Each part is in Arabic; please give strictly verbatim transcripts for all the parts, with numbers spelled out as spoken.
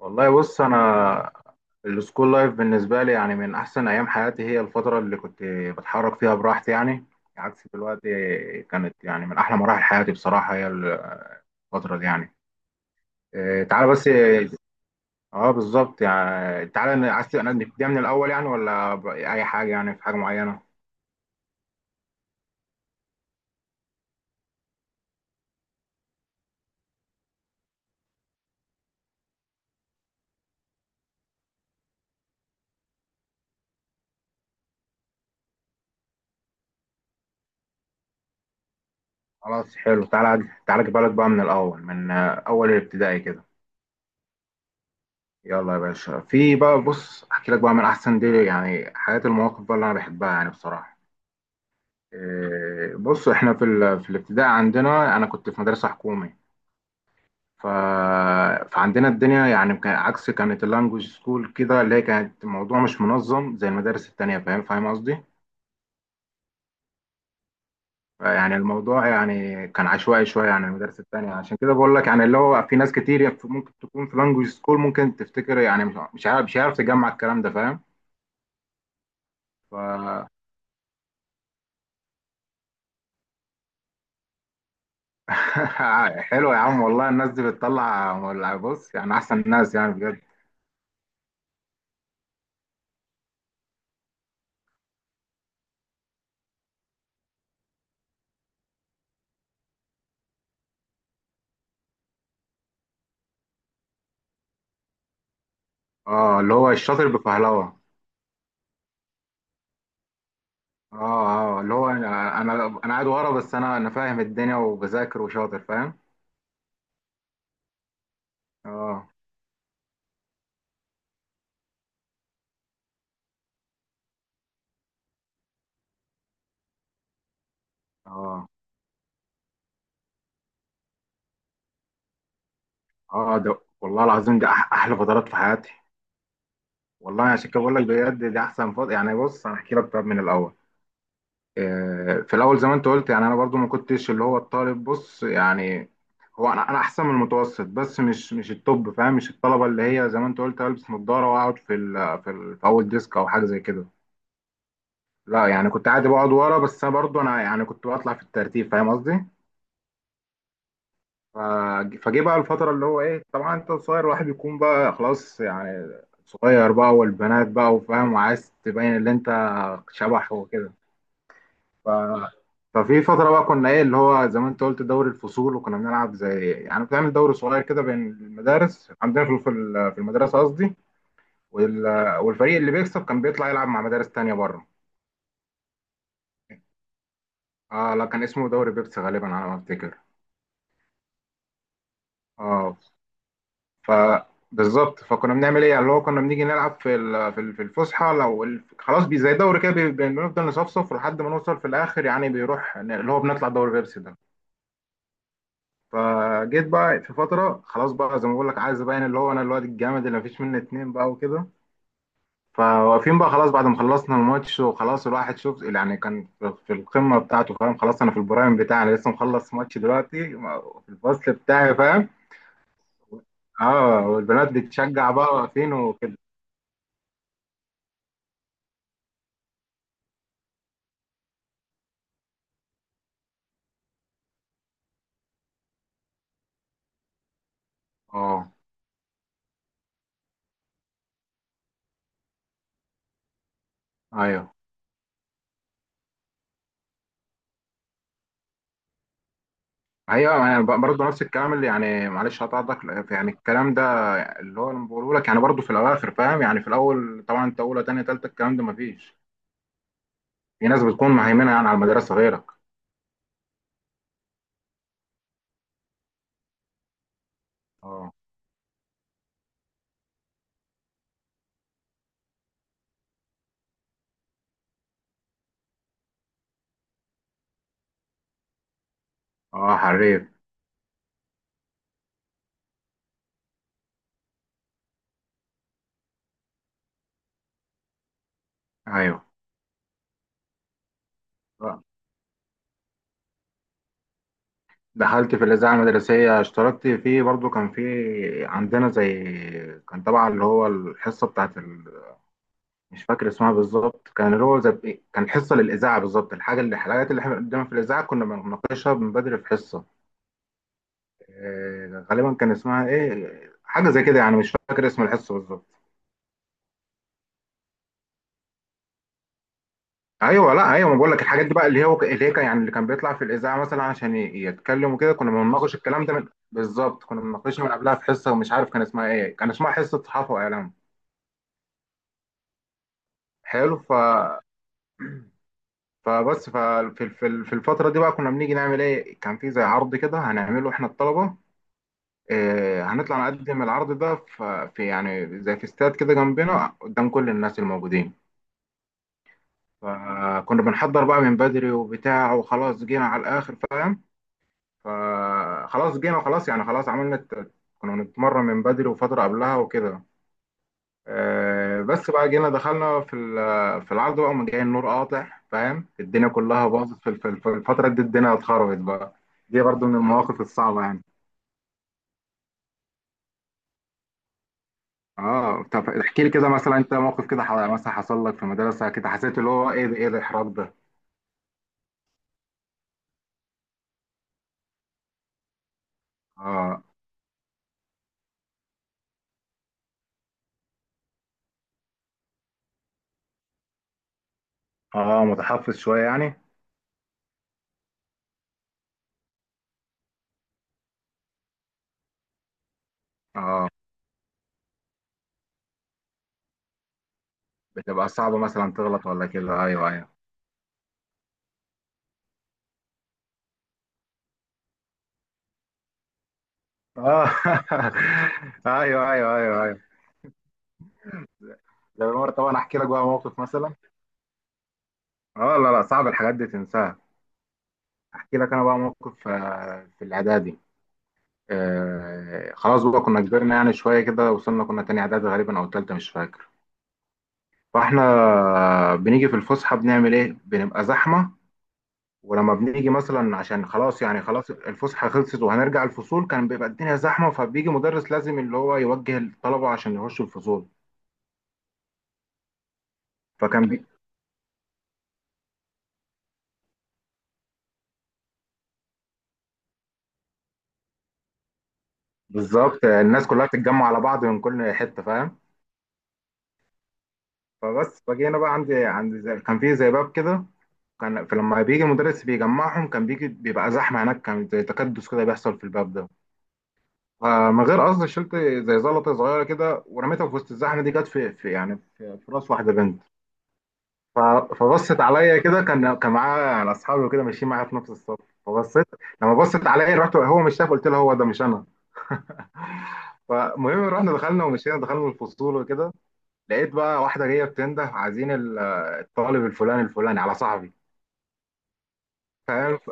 والله بص انا السكول لايف بالنسبه لي يعني من احسن ايام حياتي، هي الفتره اللي كنت بتحرك فيها براحتي يعني عكس دلوقتي. كانت يعني من احلى مراحل حياتي بصراحه، هي الفتره دي يعني. إيه، تعالى بس. اه بالظبط يعني تعالى، ن- عايز انا نبتدي من الاول يعني ولا ب- اي حاجه يعني في حاجه معينه. خلاص حلو، تعالى تعالى اجيب لك بقى من الاول، من آه، اول الابتدائي كده. يلا يا باشا. في بقى بص احكي لك بقى من احسن دي يعني حياتي، المواقف بقى اللي انا بحبها يعني بصراحه. إيه، بص احنا في ال... في الابتدائي عندنا انا كنت في مدرسه حكومي. ف... فعندنا الدنيا يعني كان عكس، كانت اللانجوج سكول كده اللي هي كانت الموضوع مش منظم زي المدارس التانية. فاهم، فاهم قصدي. يعني الموضوع يعني كان عشوائي شويه عن المدارس التانية. عشان كده بقول لك يعني اللي هو في ناس كتير في- ممكن تكون في لانجوج سكول ممكن تفتكر يعني مش مش عارف مش عارف تجمع الكلام ده. فاهم. ف حلو يا عم والله، الناس دي بتطلع بص يعني احسن ناس يعني بجد. اه، اللي هو الشاطر بفهلوه. اه اه، اللي هو انا انا أنا قاعد ورا بس انا انا فاهم الدنيا وبذاكر وشاطر. فاهم. اه اه اه، ده والله العظيم دي أح احلى فترات في حياتي. والله عشان كده بقول لك بجد دي احسن فتره يعني. بص انا احكي لك طب من الاول. آه في الاول زي ما انت قلت يعني انا برضو ما كنتش اللي هو الطالب بص يعني. هو انا انا احسن من المتوسط، بس مش مش التوب فاهم. مش الطلبه اللي هي زي ما انت قلت البس نظاره واقعد في ال في, ال في اول ديسك او حاجه زي كده. لا يعني كنت عادي بقعد ورا، بس انا برضو انا يعني كنت بطلع في الترتيب. فاهم قصدي. ف- فجه بقى الفترة اللي هو ايه، طبعا انت صغير الواحد بيكون بقى خلاص يعني صغير بقى، والبنات بقى وفاهم وعايز تبين اللي انت شبح وكده. ف... ففي فترة بقى كنا ايه، اللي هو زي ما انت قلت دوري الفصول، وكنا بنلعب زي يعني بتعمل دوري صغير كده بين المدارس عندنا في في ال- في المدرسة قصدي. وال... والفريق اللي بيكسب كان بيطلع يلعب مع مدارس تانية بره. اه لا، كان اسمه دوري بيبسي غالبا على ما افتكر. اه، فبالظبط فكنا بنعمل ايه يعني، اللي هو كنا بنيجي نلعب في ال- في ال- في الفسحه، لو ال- خلاص بي زي دوري كده بي- بنفضل نصفصف لحد ما نوصل في الاخر يعني بيروح ن- اللي هو بنطلع دوري بيبسي ده. فجيت بقى في فتره خلاص بقى، زي ما بقول لك عايز ابين اللي هو انا الواد الجامد اللي مفيش منه اتنين بقى وكده. فواقفين بقى خلاص بعد ما خلصنا الماتش وخلاص، الواحد شوف يعني كان في في القمه بتاعته فاهم. خلاص انا في البرايم بتاعي، انا لسه مخلص ماتش دلوقتي في الفصل بتاعي. فاهم. اه، والبنات بتشجع بقى واقفين وكده. اه ايوه ايوه يعني برضه نفس الكلام اللي يعني معلش هتقطعك يعني الكلام ده. اللي هو انا بقوله لك يعني برضه في الاواخر فاهم. يعني في الاول طبعا انت اولى تانية تالتة الكلام ده مفيش. في ناس بتكون مهيمنه يعني على المدرسه غيرك. اه، اه حريف. ايوه. آه. دخلت في الاذاعه المدرسيه، اشتركت فيه برضه. كان في عندنا زي، كان طبعا اللي هو الحصه بتاعت ال... مش فاكر اسمها بالظبط. كان اللي هو زي كان حصه للاذاعه بالظبط، الحاجه اللي الحاجات اللي احنا بنقدمها في الاذاعه كنا بنناقشها من بدري في حصه. آه، غالبا كان اسمها ايه حاجه زي كده يعني مش فاكر اسم الحصه بالظبط. ايوه لا ايوه، ما بقول لك الحاجات دي بقى اللي هو اللي هي كان- يعني اللي كان بيطلع في الاذاعه مثلا عشان ي- يتكلم وكده، كنا بنناقش الكلام ده من بالظبط كنا بنناقشها من قبلها في حصه، ومش عارف كان اسمها ايه. كان اسمها حصه صحافه واعلام. حلو. ف فبس ففي في في الفتره دي بقى كنا بنيجي نعمل ايه، كان في زي عرض كده هنعمله احنا الطلبه. آه، هنطلع نقدم العرض ده ف- في يعني زي في استاد كده جنبنا قدام كل الناس الموجودين. فكنا بنحضر بقى من بدري وبتاع، وخلاص جينا على الآخر فاهم. فخلاص جينا وخلاص يعني خلاص عملنا الت- كنا بنتمرن من بدري وفترة قبلها وكده. آه، بس بقى جينا دخلنا في ال- في العرض بقى ومن جاي النور قاطع فاهم. الدنيا كلها باظت في الف- في الفترة دي الدنيا اتخربت بقى. دي برضو من المواقف الصعبة يعني. اه طب احكي لي كده مثلا انت موقف كده ح- مثلا حصل لك في المدرسة كده حسيت اللي هو ايه ده ايه الاحراج ده. اه اه، متحفظ شوية يعني. اه، بتبقى صعبة مثلا تغلط ولا كده. أيوه أيوه. آه أيوه أيوه أيوه أيوه. ده مرة طبعا أحكي لك بقى موقف مثلا. آه لا لا صعب الحاجات دي تنساها. أحكي لك أنا بقى موقف آه، في الإعدادي. آه خلاص بقى كنا كبرنا يعني شوية كده، وصلنا كنا تاني إعدادي غالبا أو تالتة مش فاكر. فإحنا بنيجي في الفسحة بنعمل إيه؟ بنبقى زحمة. ولما بنيجي مثلا عشان خلاص يعني خلاص الفسحة خلصت وهنرجع الفصول كان بيبقى الدنيا زحمة. فبيجي مدرس لازم اللي هو يوجه الطلبة عشان يخشوا الفصول. فكان بي... بالظبط الناس كلها بتتجمع على بعض من كل حته فاهم. فبس فجينا بقى عندي عند زي... كان في زي باب كده. كان فلما بيجي المدرس بيجمعهم كان بيجي بيبقى زحمه هناك، كان زي تكدس كده بيحصل في الباب ده. فمن غير قصد شلت زي زلطه صغيره كده ورميتها في وسط الزحمه دي، جت في, في يعني في, في راس واحده بنت. ف- فبصت عليا كده، كان كان معاه يعني اصحابي وكده ماشيين معايا في نفس الصف. فبصيت لما بصت عليا رحت، هو مش شايف، قلت له هو ده مش انا. فالمهم رحنا دخلنا ومشينا دخلنا الفصول وكده. لقيت بقى واحده جايه بتنده عايزين ال- الطالب الفلاني الفلاني على صاحبي فاهم. ف-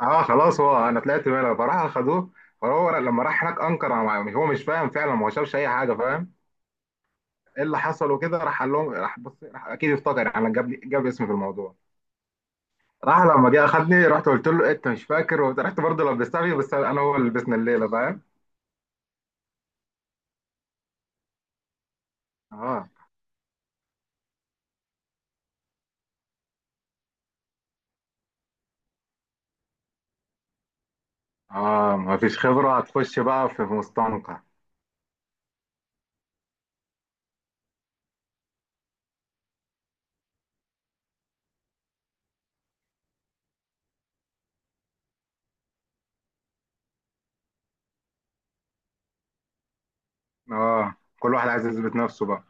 اه خلاص هو انا طلعت بالها فراح خدوه. فهو لما راح هناك انكر على- هو مش فاهم فعلا، ما هو شافش اي حاجه فاهم. ايه اللي حصل وكده، راح قال لهم راح بص راح اكيد افتكر يعني جاب لي جاب اسمي في الموضوع. راح لما جه اخدني، رحت قلت له إيه، انت مش فاكر، رحت برضه لبستها فيه، بس انا هو اللي لبسنا الليله فاهم. اه اه، مفيش خبره هتخش بقى في مستنقع. اه، كل واحد عايز يثبت نفسه بقى.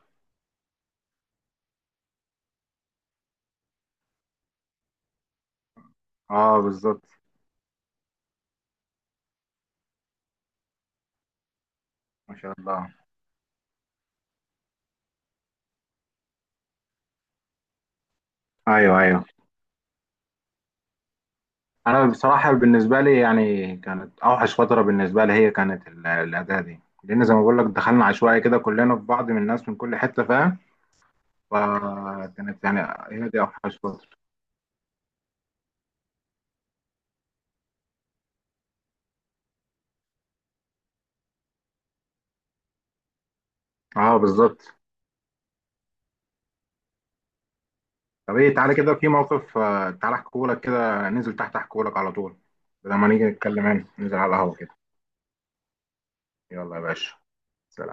اه بالظبط. ما شاء الله. ايوه ايوه. انا بصراحه بالنسبه لي يعني كانت اوحش فتره بالنسبه لي، هي كانت ال- الاداه دي لان زي ما بقول لك دخلنا عشوائي كده كلنا في بعض من الناس من كل حته فاهم. فكانت يعني هي دي اوحش فتره. اه بالظبط. طب ايه تعالى كده في موقف آه، تعالى احكيهولك كده، ننزل تحت احكيهولك على طول، بدل ما نيجي نتكلم هنا ننزل على القهوة كده. يلا يا باشا. سلام.